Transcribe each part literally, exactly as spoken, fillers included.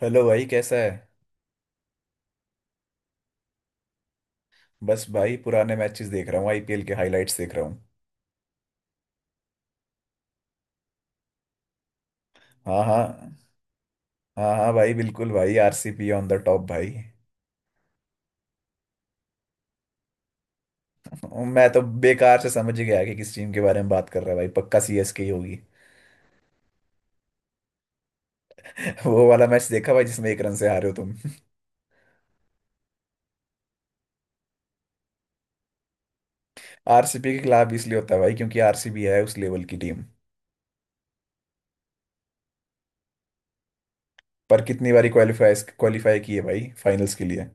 Hello भाई कैसा है। बस भाई पुराने मैचेस देख रहा हूँ, आईपीएल के हाइलाइट्स देख रहा हूँ। हाँ हाँ। हाँ हाँ भाई, बिल्कुल भाई, आरसीपी ऑन द टॉप भाई। मैं तो बेकार से समझ ही गया कि किस टीम के बारे में बात कर रहा है भाई, पक्का सीएसके ही होगी। वो वाला मैच देखा भाई जिसमें एक रन से हारे हो तुम। आरसीपी के खिलाफ भी इसलिए होता है भाई क्योंकि आरसीबी है उस लेवल की टीम। पर कितनी बारी क्वालिफाई क्वालिफाई की है भाई फाइनल्स के लिए।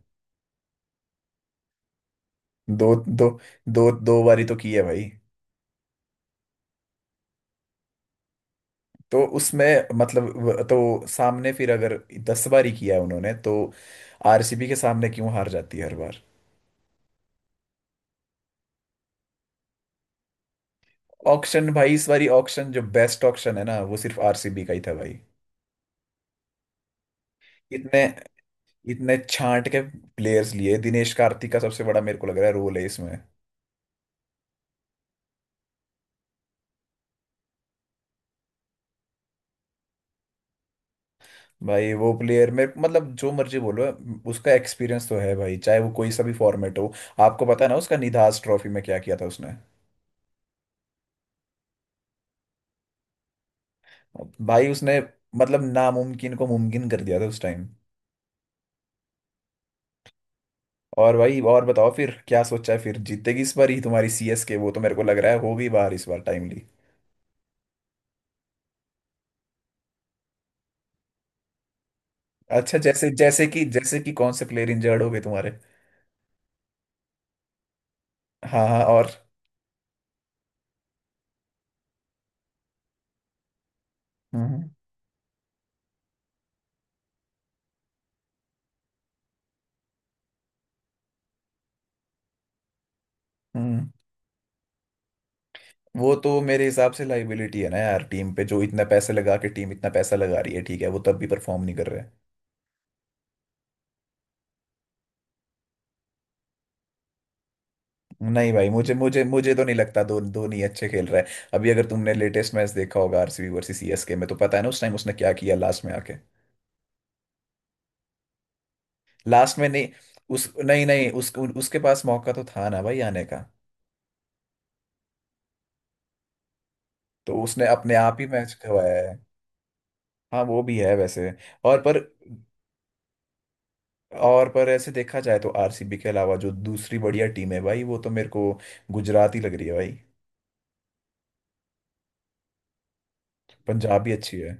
दो दो दो दो बारी तो की है भाई। तो उसमें मतलब व- तो सामने फिर अगर दस बार ही किया है उन्होंने तो। आरसीबी के सामने क्यों हार जाती है हर बार। ऑक्शन भाई, इस बारी ऑक्शन जो बेस्ट ऑक्शन है ना वो सिर्फ आरसीबी का ही था भाई। इतने इतने छांट के प्लेयर्स लिए, दिनेश कार्तिक का सबसे बड़ा मेरे को लग रहा है रोल है इसमें। भाई वो प्लेयर मेरे मतलब जो मर्जी बोलो, उसका एक्सपीरियंस तो है भाई चाहे वो कोई सा भी फॉर्मेट हो। आपको पता है ना उसका निधास ट्रॉफी में क्या किया था उसने। भाई उसने मतलब नामुमकिन को मुमकिन कर दिया था उस टाइम। और भाई और बताओ फिर, क्या सोचा है फिर जीतेगी इस बार ही तुम्हारी सीएसके? वो तो मेरे को लग रहा है होगी बाहर इस बार टाइमली। अच्छा जैसे जैसे कि जैसे कि कौन से प्लेयर इंजर्ड हो गए तुम्हारे? हाँ हाँ, और? हम्म हम्म हम्म। वो तो मेरे हिसाब से लाइबिलिटी है ना यार, टीम पे जो इतना पैसा लगा के टीम इतना पैसा लगा रही है, ठीक है वो तब भी परफॉर्म नहीं कर रहे हैं। नहीं भाई, मुझे मुझे मुझे तो नहीं लगता दो धोनी अच्छे खेल रहा है। अभी अगर तुमने लेटेस्ट मैच देखा होगा आरसीबी वर्सेस सीएसके में तो पता है ना उस टाइम उसने क्या किया लास्ट में आके। लास्ट में नहीं। उस नहीं नहीं उस, उसके पास मौका तो था ना भाई आने का। तो उसने अपने आप ही मैच खवाया है। हाँ वो भी है वैसे। और पर और पर ऐसे देखा जाए तो आरसीबी के अलावा जो दूसरी बढ़िया टीम है भाई, वो तो मेरे को गुजरात ही लग रही है भाई। पंजाब भी अच्छी है।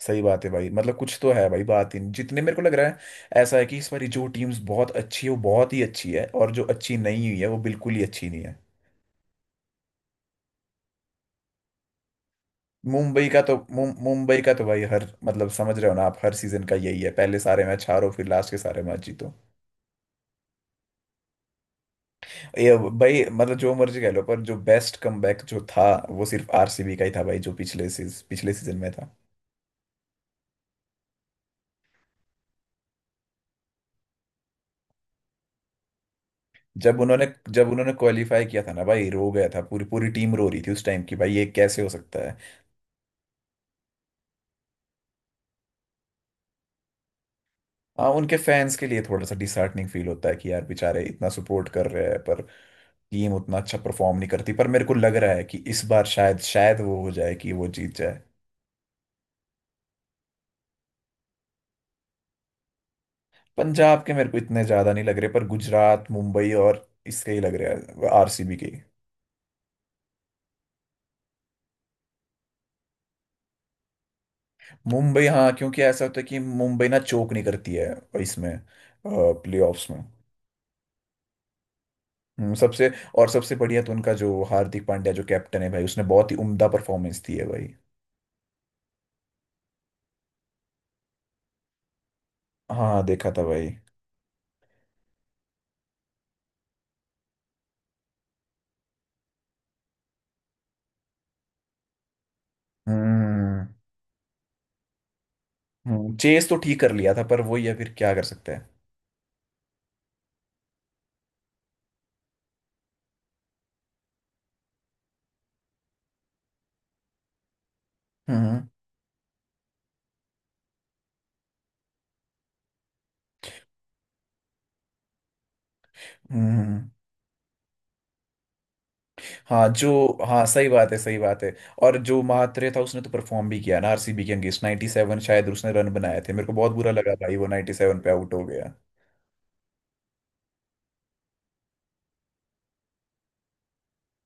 सही बात है भाई मतलब कुछ तो है भाई, बात ही नहीं जितने मेरे को लग रहा है। ऐसा है कि इस बारी जो टीम्स बहुत अच्छी है वो बहुत ही अच्छी है, और जो अच्छी नहीं हुई है वो बिल्कुल ही अच्छी नहीं है। मुंबई का तो मुं, मुंबई का तो भाई हर मतलब समझ रहे हो ना आप, हर सीजन का यही है, पहले सारे मैच हारो फिर लास्ट के सारे मैच जीतो। ये भाई मतलब जो मर्जी कह लो, पर जो बेस्ट कमबैक जो था वो सिर्फ आरसीबी का ही था भाई, जो पिछले सीज, पिछले सीजन में था। जब उन्होंने जब उन्होंने क्वालिफाई किया था ना भाई, रो गया था, पूरी पूरी टीम रो रही थी उस टाइम की भाई ये कैसे हो सकता है। हाँ उनके फैंस के लिए थोड़ा सा डिसहार्टनिंग फील होता है कि यार बेचारे इतना सपोर्ट कर रहे हैं पर टीम उतना अच्छा परफॉर्म नहीं करती, पर मेरे को लग रहा है कि इस बार शायद शायद वो हो जाए कि वो जीत जाए। पंजाब के मेरे को इतने ज्यादा नहीं लग रहे, पर गुजरात मुंबई और इसके ही लग रहे हैं आरसीबी के ही। मुंबई हाँ, क्योंकि ऐसा होता है कि मुंबई ना चोक नहीं करती है इसमें प्लेऑफ्स में। हम्म, सबसे और सबसे बढ़िया तो उनका जो हार्दिक पांड्या जो कैप्टन है भाई, उसने बहुत ही उम्दा परफॉर्मेंस दी है भाई। हाँ देखा था भाई। हम्म हम्म, चेस तो ठीक कर लिया था पर वही है फिर क्या कर सकते हैं। हम्म हम्म हम्म। हाँ जो। हाँ सही बात है, सही बात है। और जो महात्रे था उसने तो परफॉर्म भी किया ना आरसीबी के अगेंस्ट नाइंटी सेवन शायद उसने रन बनाए थे, मेरे को बहुत बुरा लगा भाई वो नाइंटी सेवन पे आउट हो गया।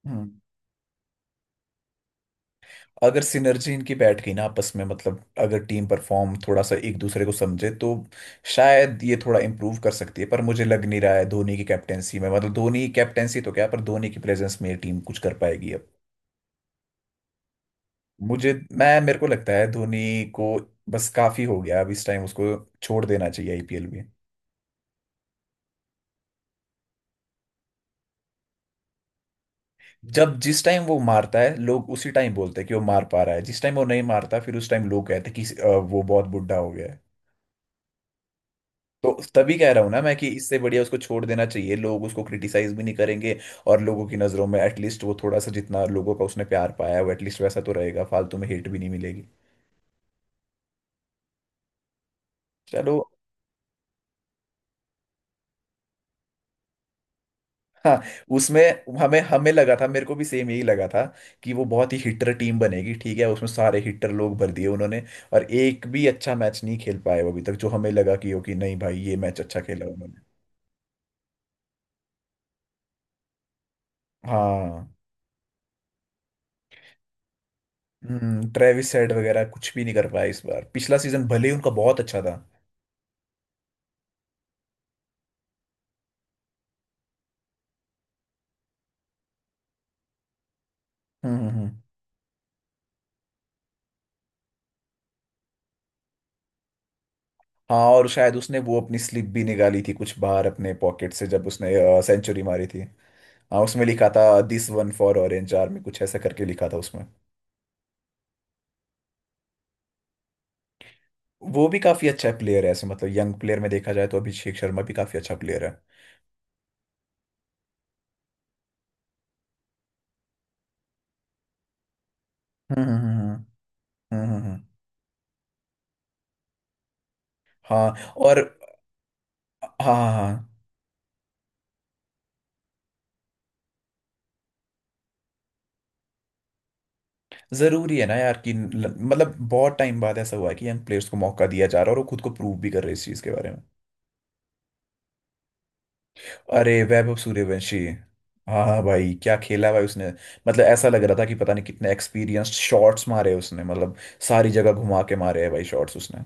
हम्म। अगर सिनर्जी इनकी बैठ गई ना आपस में मतलब अगर टीम परफॉर्म थोड़ा सा एक दूसरे को समझे तो शायद ये थोड़ा इम्प्रूव कर सकती है, पर मुझे लग नहीं रहा है धोनी की कैप्टेंसी में, मतलब धोनी की कैप्टेंसी तो क्या, पर धोनी की प्रेजेंस में ये टीम कुछ कर पाएगी अब। मुझे मैं मेरे को लगता है धोनी को बस काफी हो गया अब, इस टाइम उसको छोड़ देना चाहिए आईपीएल भी। जब जिस टाइम वो मारता है लोग उसी टाइम बोलते हैं कि वो मार पा रहा है, जिस टाइम वो नहीं मारता फिर उस टाइम लोग कहते हैं कि अ, वो बहुत बुढ़ा हो गया है। तो तभी कह रहा हूँ ना मैं कि इससे बढ़िया उसको छोड़ देना चाहिए, लोग उसको क्रिटिसाइज भी नहीं करेंगे, और लोगों की नज़रों में एटलीस्ट वो थोड़ा सा, जितना लोगों का उसने प्यार पाया है वो एटलीस्ट वैसा तो रहेगा, फालतू में हेट भी नहीं मिलेगी। चलो। हाँ उसमें। हमें हमें लगा था, मेरे को भी सेम यही लगा था कि वो बहुत ही हिटर टीम बनेगी, ठीक है उसमें सारे हिटर लोग भर दिए उन्होंने, और एक भी अच्छा मैच नहीं खेल पाए वो अभी तक, जो हमें लगा कि ओके नहीं भाई ये मैच अच्छा खेला उन्होंने। हाँ। हम्म। ट्रेविस हेड वगैरह कुछ भी नहीं कर पाए इस बार, पिछला सीजन भले ही उनका बहुत अच्छा था। हम्म हम्म, हम्म। हाँ और शायद उसने वो अपनी स्लिप भी निकाली थी कुछ बाहर अपने पॉकेट से जब उसने सेंचुरी मारी थी। हाँ उसमें लिखा था this one for orange army, कुछ ऐसा करके लिखा था उसमें। वो भी काफी अच्छा प्लेयर है, ऐसे मतलब यंग प्लेयर में देखा जाए तो अभिषेक शर्मा भी काफी अच्छा प्लेयर है। हम्म हम्म हम्म हम्म, हम्म, हम्म, हाँ और। हाँ हाँ हाँ, जरूरी है ना यार कि ल- मतलब बहुत टाइम बाद ऐसा हुआ है कि यंग प्लेयर्स को मौका दिया जा रहा है और वो खुद को प्रूव भी कर रहे हैं इस चीज के बारे में। अरे वैभव सूर्यवंशी। हाँ हाँ भाई क्या खेला भाई उसने, मतलब ऐसा लग रहा था कि पता नहीं कितने एक्सपीरियंस्ड शॉट्स मारे उसने, मतलब सारी जगह घुमा के मारे हैं भाई शॉट्स उसने।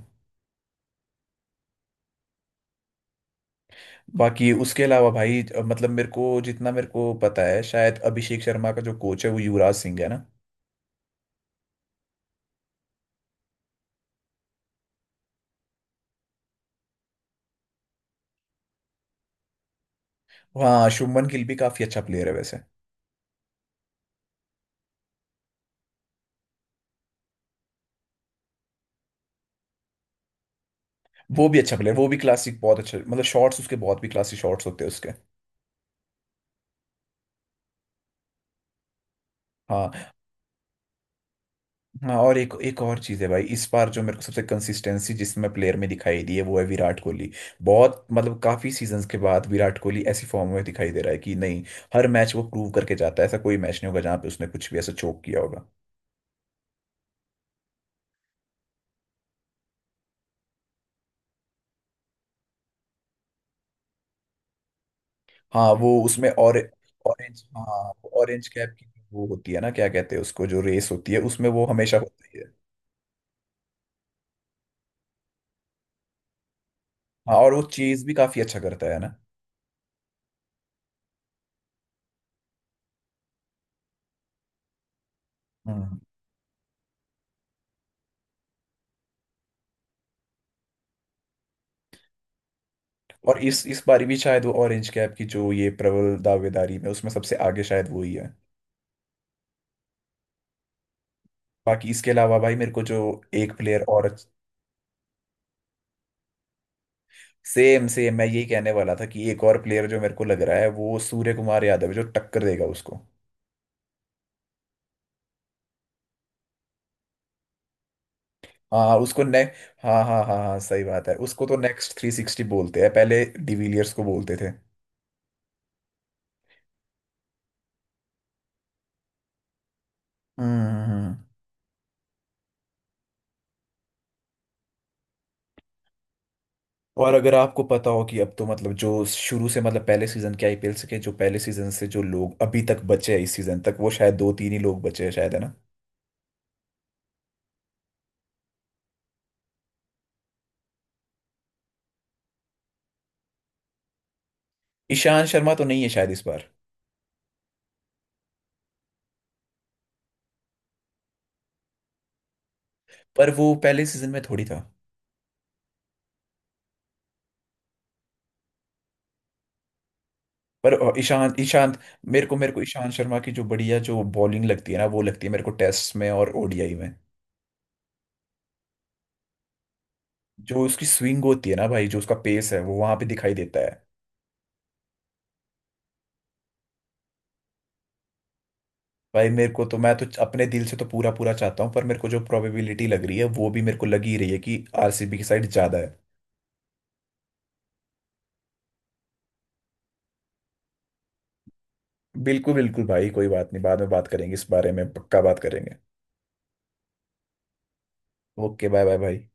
बाकी उसके अलावा भाई अ, मतलब मेरे को जितना मेरे को पता है शायद अभिषेक शर्मा का जो कोच है वो युवराज सिंह है ना। हाँ शुभमन गिल भी काफी अच्छा प्लेयर है वैसे। वो भी अच्छा प्लेयर, वो भी क्लासिक बहुत अच्छा, मतलब शॉट्स उसके, बहुत भी क्लासिक शॉट्स होते हैं उसके। हाँ। हाँ और एक एक और चीज़ है भाई इस बार जो मेरे को सबसे कंसिस्टेंसी जिसमें प्लेयर में दिखाई दी है वो है विराट कोहली। बहुत मतलब काफी सीजन्स के बाद विराट कोहली ऐसी फॉर्म में दिखाई दे रहा है कि नहीं, हर मैच वो प्रूव करके जाता है, ऐसा कोई मैच नहीं होगा जहाँ पे उसने कुछ भी ऐसा चोक किया होगा। हाँ वो उसमें और। ऑरेंज हाँ, ऑरेंज कैप की वो होती है ना, क्या कहते हैं उसको, जो रेस होती है उसमें वो हमेशा होता ही है। हाँ और वो चेज भी काफी अच्छा करता है ना। हम्म। और इस इस बार भी शायद वो ऑरेंज कैप की जो ये प्रबल दावेदारी में उसमें सबसे आगे शायद वो ही है। बाकी इसके अलावा भाई मेरे को जो एक प्लेयर और। सेम सेम मैं यही कहने वाला था कि एक और प्लेयर जो मेरे को लग रहा है वो सूर्य कुमार यादव है, जो टक्कर देगा उसको। हाँ उसको ने। हाँ हाँ हाँ हाँ सही बात है, उसको तो नेक्स्ट थ्री सिक्सटी बोलते हैं, पहले डिविलियर्स को बोलते थे। हम्म हम्म। और अगर आपको पता हो कि अब तो मतलब जो शुरू से, मतलब पहले सीजन के आईपीएल से के, जो पहले सीजन से जो लोग अभी तक बचे हैं इस सीजन तक, वो शायद दो तीन ही लोग बचे हैं शायद, है ना। ईशांत शर्मा तो नहीं है शायद इस बार। पर वो पहले सीजन में थोड़ी था। पर अ, ईशांत ईशांत। मेरे को मेरे को ईशांत शर्मा की जो बढ़िया जो बॉलिंग लगती है ना वो लगती है मेरे को टेस्ट में और ओडीआई में। जो उसकी स्विंग होती है ना भाई, जो उसका पेस है वो वहां पे दिखाई देता है। भाई मेरे को तो, मैं तो अपने दिल से तो पूरा पूरा चाहता हूँ, पर मेरे को जो प्रोबेबिलिटी लग रही है वो भी मेरे को लग ही रही है कि आरसीबी की साइड ज्यादा है। बिल्कुल बिल्कुल भाई कोई बात नहीं, बाद में बात करेंगे, इस बारे में पक्का बात करेंगे। ओके बाय बाय भाई।